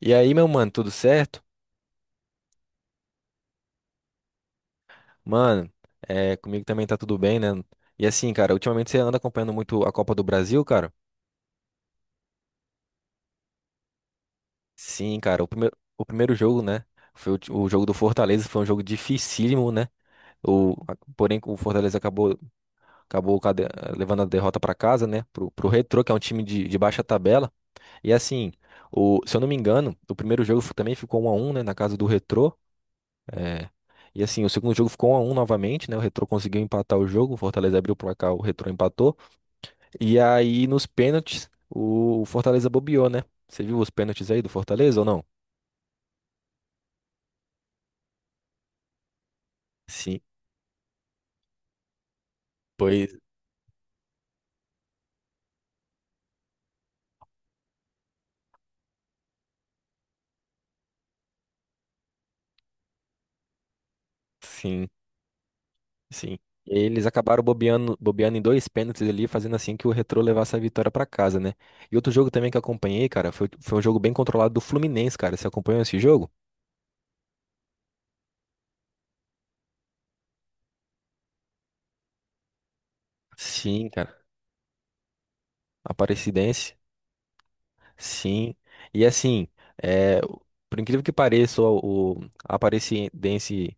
E aí, meu mano, tudo certo? Mano, comigo também tá tudo bem, né? E assim, cara, ultimamente você anda acompanhando muito a Copa do Brasil, cara? Sim, cara, o primeiro jogo, né? Foi o jogo do Fortaleza, foi um jogo dificílimo, né? Porém, o Fortaleza acabou levando a derrota pra casa, né? Pro Retrô, que é um time de baixa tabela. E assim, se eu não me engano, o primeiro jogo também ficou 1-1, né? Na casa do Retrô. É. E assim, o segundo jogo ficou 1 a um novamente, né? O Retrô conseguiu empatar o jogo, o Fortaleza abriu o placar, o Retrô empatou. E aí, nos pênaltis, o Fortaleza bobeou, né? Você viu os pênaltis aí do Fortaleza ou não? Sim, pois sim, sim. Eles acabaram bobeando em dois pênaltis ali, fazendo assim que o Retrô levasse a vitória pra casa, né? E outro jogo também que eu acompanhei, cara, foi um jogo bem controlado do Fluminense, cara. Você acompanhou esse jogo? Sim, cara. Aparecidense. Sim, e assim, é, por incrível que pareça, o Aparecidense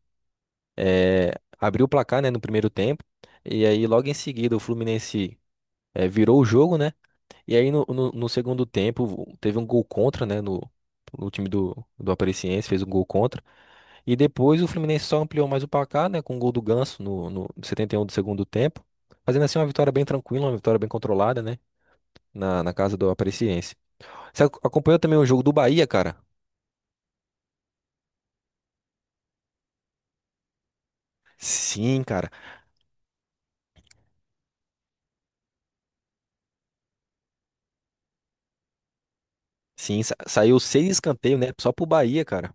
é, abriu o placar, né, no primeiro tempo, e aí logo em seguida o Fluminense virou o jogo, né, e aí no segundo tempo teve um gol contra, né, no time do Aparecidense, fez um gol contra, e depois o Fluminense só ampliou mais o placar, né, com o gol do Ganso no 71 do segundo tempo, fazendo assim uma vitória bem tranquila, uma vitória bem controlada, né, na casa do Aparecidense. Você acompanhou também o jogo do Bahia, cara? Sim, cara. Sim, saiu seis escanteios, né? Só pro Bahia, cara.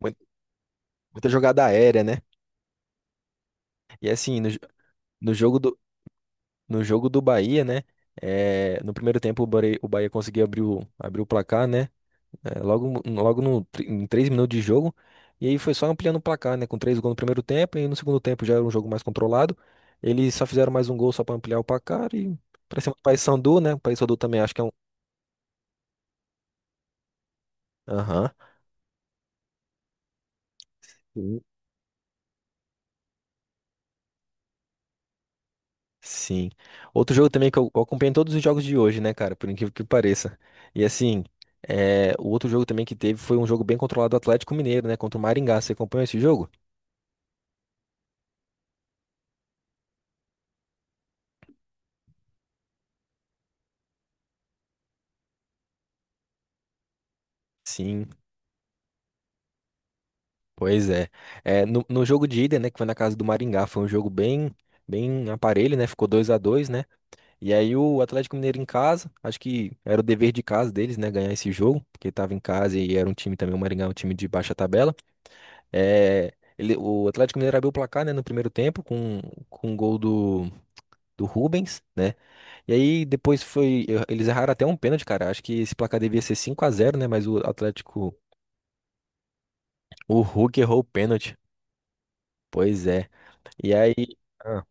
Mui- Muita jogada aérea, né? E assim, no jogo do, no jogo do Bahia, né? É, no primeiro tempo o Bahia conseguiu abrir o placar, né? É, logo no, tr- em 3 minutos de jogo. E aí foi só ampliando o placar, né? Com três gols no primeiro tempo. E no segundo tempo já era um jogo mais controlado. Eles só fizeram mais um gol só pra ampliar o placar. E pra cima do Paysandu, né? O Paysandu também acho que é um. Aham. Sim. Outro jogo também que eu acompanhei todos os jogos de hoje, né, cara? Por incrível que pareça. E assim, o outro jogo também que teve foi um jogo bem controlado do Atlético Mineiro, né? Contra o Maringá. Você acompanhou esse jogo? Sim, pois é. É, no jogo de ida, né? Que foi na casa do Maringá, foi um jogo bem aparelho, né? Ficou 2-2, né? E aí o Atlético Mineiro em casa, acho que era o dever de casa deles, né? Ganhar esse jogo, porque estava em casa e era um time também, o Maringá, é um time de baixa tabela. É, o Atlético Mineiro abriu o placar, né, no primeiro tempo com um gol do Rubens. E aí depois foi. Eles erraram até um pênalti, cara. Acho que esse placar devia ser 5-0, né? Mas o Atlético. O Hulk errou o pênalti. Pois é. E aí. Ah,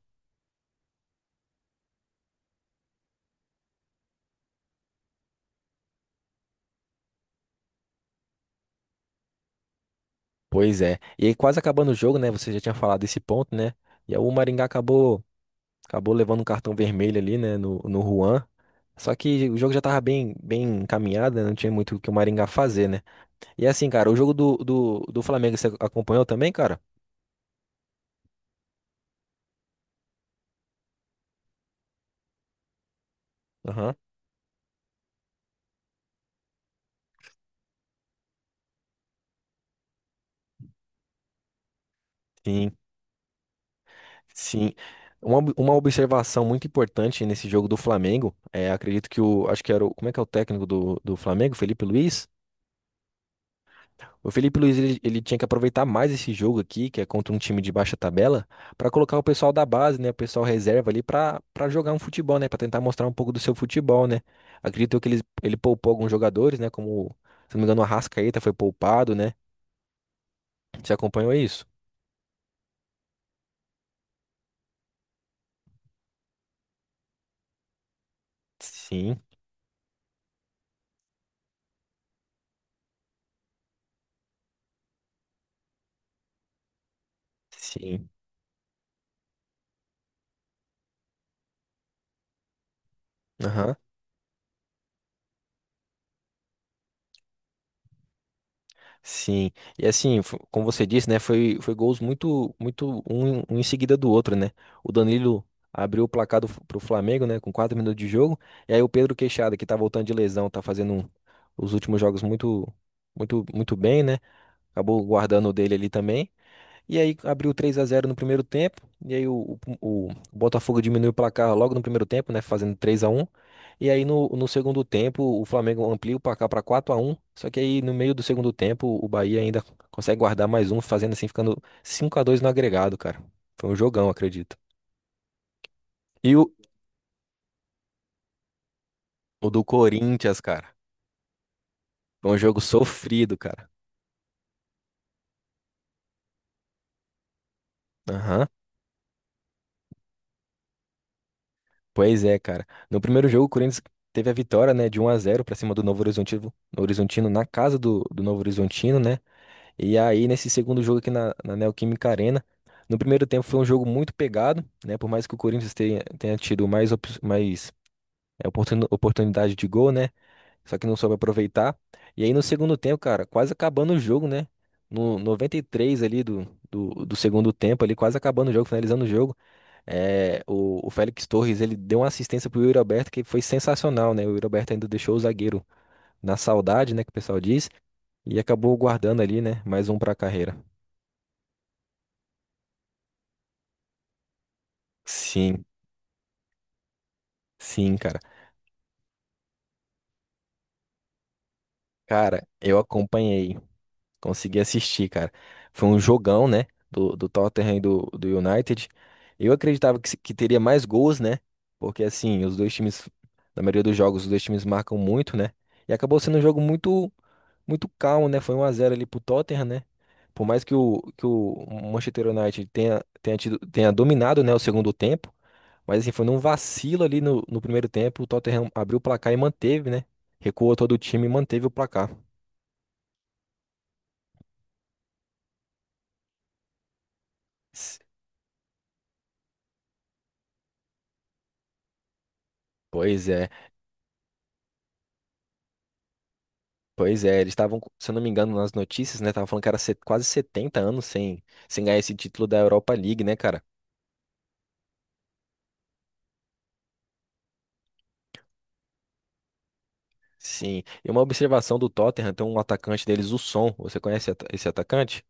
pois é. E aí quase acabando o jogo, né? Você já tinha falado desse ponto, né? E aí o Maringá acabou levando um cartão vermelho ali, né, no Juan. Só que o jogo já tava bem encaminhado, né? Não tinha muito o que o Maringá fazer, né? E assim, cara, o jogo do Flamengo você acompanhou também, cara? Aham. Sim, sim. Uma observação muito importante nesse jogo do Flamengo, é, acredito acho que era o, como é que é o técnico do Flamengo, Felipe Luiz? O Felipe Luiz, ele tinha que aproveitar mais esse jogo aqui, que é contra um time de baixa tabela, pra colocar o pessoal da base, né, o pessoal reserva ali pra para jogar um futebol, né, pra tentar mostrar um pouco do seu futebol, né? Acredito que ele poupou alguns jogadores, né, como, se não me engano, o Arrascaeta foi poupado, né? Você acompanhou isso? Sim. Sim, aham, sim. E assim, como você disse, né, foi gols muito, muito um em seguida do outro, né? O Danilo abriu o placar pro Flamengo, né, com 4 minutos de jogo, e aí o Pedro Queixada, que tá voltando de lesão, tá os últimos jogos muito, muito, muito bem, né? Acabou guardando o dele ali também. E aí abriu 3-0 no primeiro tempo. E aí o Botafogo diminuiu o placar logo no primeiro tempo, né? Fazendo 3-1. E aí no segundo tempo o Flamengo amplia o placar para 4-1. Só que aí no meio do segundo tempo o Bahia ainda consegue guardar mais um, fazendo assim, ficando 5-2 no agregado, cara. Foi um jogão, acredito. E o do Corinthians, cara. Foi um jogo sofrido, cara. Aham. Pois é, cara. No primeiro jogo o Corinthians teve a vitória, né, de 1-0 para cima do Novo Horizontino, Horizontino na casa do Novo Horizontino, né? E aí, nesse segundo jogo aqui na Neoquímica Arena, no primeiro tempo foi um jogo muito pegado, né? Por mais que o Corinthians tenha, tenha tido mais, mais oportunidade de gol, né? Só que não soube aproveitar. E aí, no segundo tempo, cara, quase acabando o jogo, né? No 93 ali do segundo tempo, ali, quase acabando o jogo, finalizando o jogo, é, o Félix Torres, ele deu uma assistência pro Yuri Alberto que foi sensacional, né? O Yuri Alberto ainda deixou o zagueiro na saudade, né? Que o pessoal diz, e acabou guardando ali, né? Mais um pra carreira. Sim, sim, cara. Cara, eu acompanhei, consegui assistir, cara. Foi um jogão, né? Do Tottenham e do United. Eu acreditava que, que teria mais gols, né? Porque, assim, os dois times, na maioria dos jogos, os dois times marcam muito, né? E acabou sendo um jogo muito, muito calmo, né? Foi 1-0 ali pro Tottenham, né? Por mais que o Manchester United tenha, tenha tido, tenha dominado, né, o segundo tempo. Mas assim, foi num vacilo ali no primeiro tempo, o Tottenham abriu o placar e manteve, né? Recuou todo o time e manteve o placar. S- Pois é, eles estavam, se eu não me engano, nas notícias, né? Estavam falando que era quase 70 anos sem, sem ganhar esse título da Europa League, né, cara? Sim. E uma observação do Tottenham, tem um atacante deles, o Son. Você conhece esse atacante?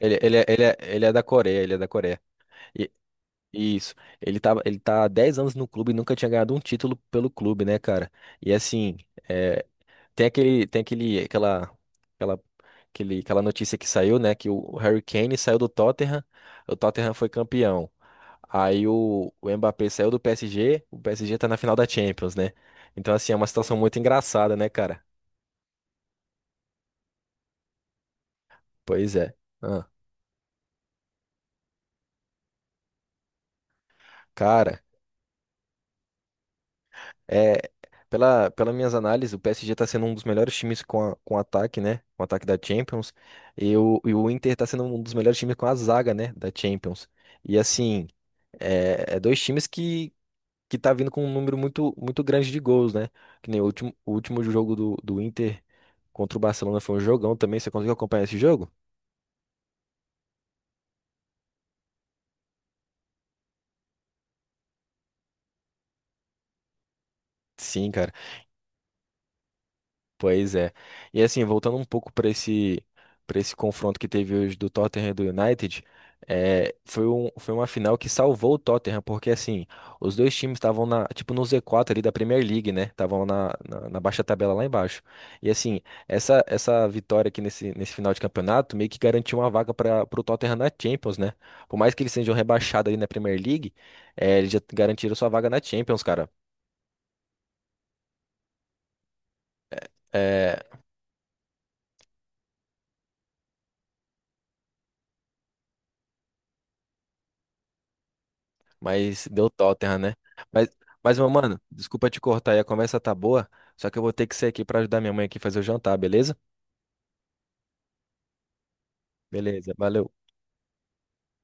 Ele é da Coreia, ele é da Coreia. E- isso. Ele tava, ele tá há 10 anos no clube e nunca tinha ganhado um título pelo clube, né, cara? E assim. é, tem aquele, aquela, aquela, aquele, aquela notícia que saiu, né? Que o Harry Kane saiu do Tottenham, o Tottenham foi campeão. Aí o Mbappé saiu do PSG, o PSG tá na final da Champions, né? Então, assim, é uma situação muito engraçada, né, cara? Pois é. Ah, cara, é. Pelas minhas análises, o PSG tá sendo um dos melhores times com, com ataque, né? Com ataque da Champions. E e o Inter tá sendo um dos melhores times com a zaga, né? Da Champions. E assim, é, é dois times que tá vindo com um número muito, muito grande de gols, né? Que nem o último, o último jogo do Inter contra o Barcelona foi um jogão também. Você conseguiu acompanhar esse jogo? Sim, cara. Pois é. E assim, voltando um pouco para esse confronto que teve hoje do Tottenham e do United, é, foi um, foi uma final que salvou o Tottenham, porque assim, os dois times estavam tipo no Z4 ali da Premier League, né? Estavam na baixa tabela lá embaixo. E assim, essa vitória aqui nesse final de campeonato meio que garantiu uma vaga para o Tottenham na Champions, né? Por mais que eles sejam rebaixados ali na Premier League, é, eles já garantiram sua vaga na Champions, cara. Eh, mas deu Tottenham, né? Mas, mas, meu mano, desculpa te cortar aí, a conversa tá boa, só que eu vou ter que sair aqui pra ajudar minha mãe aqui a fazer o jantar, beleza? Beleza, valeu.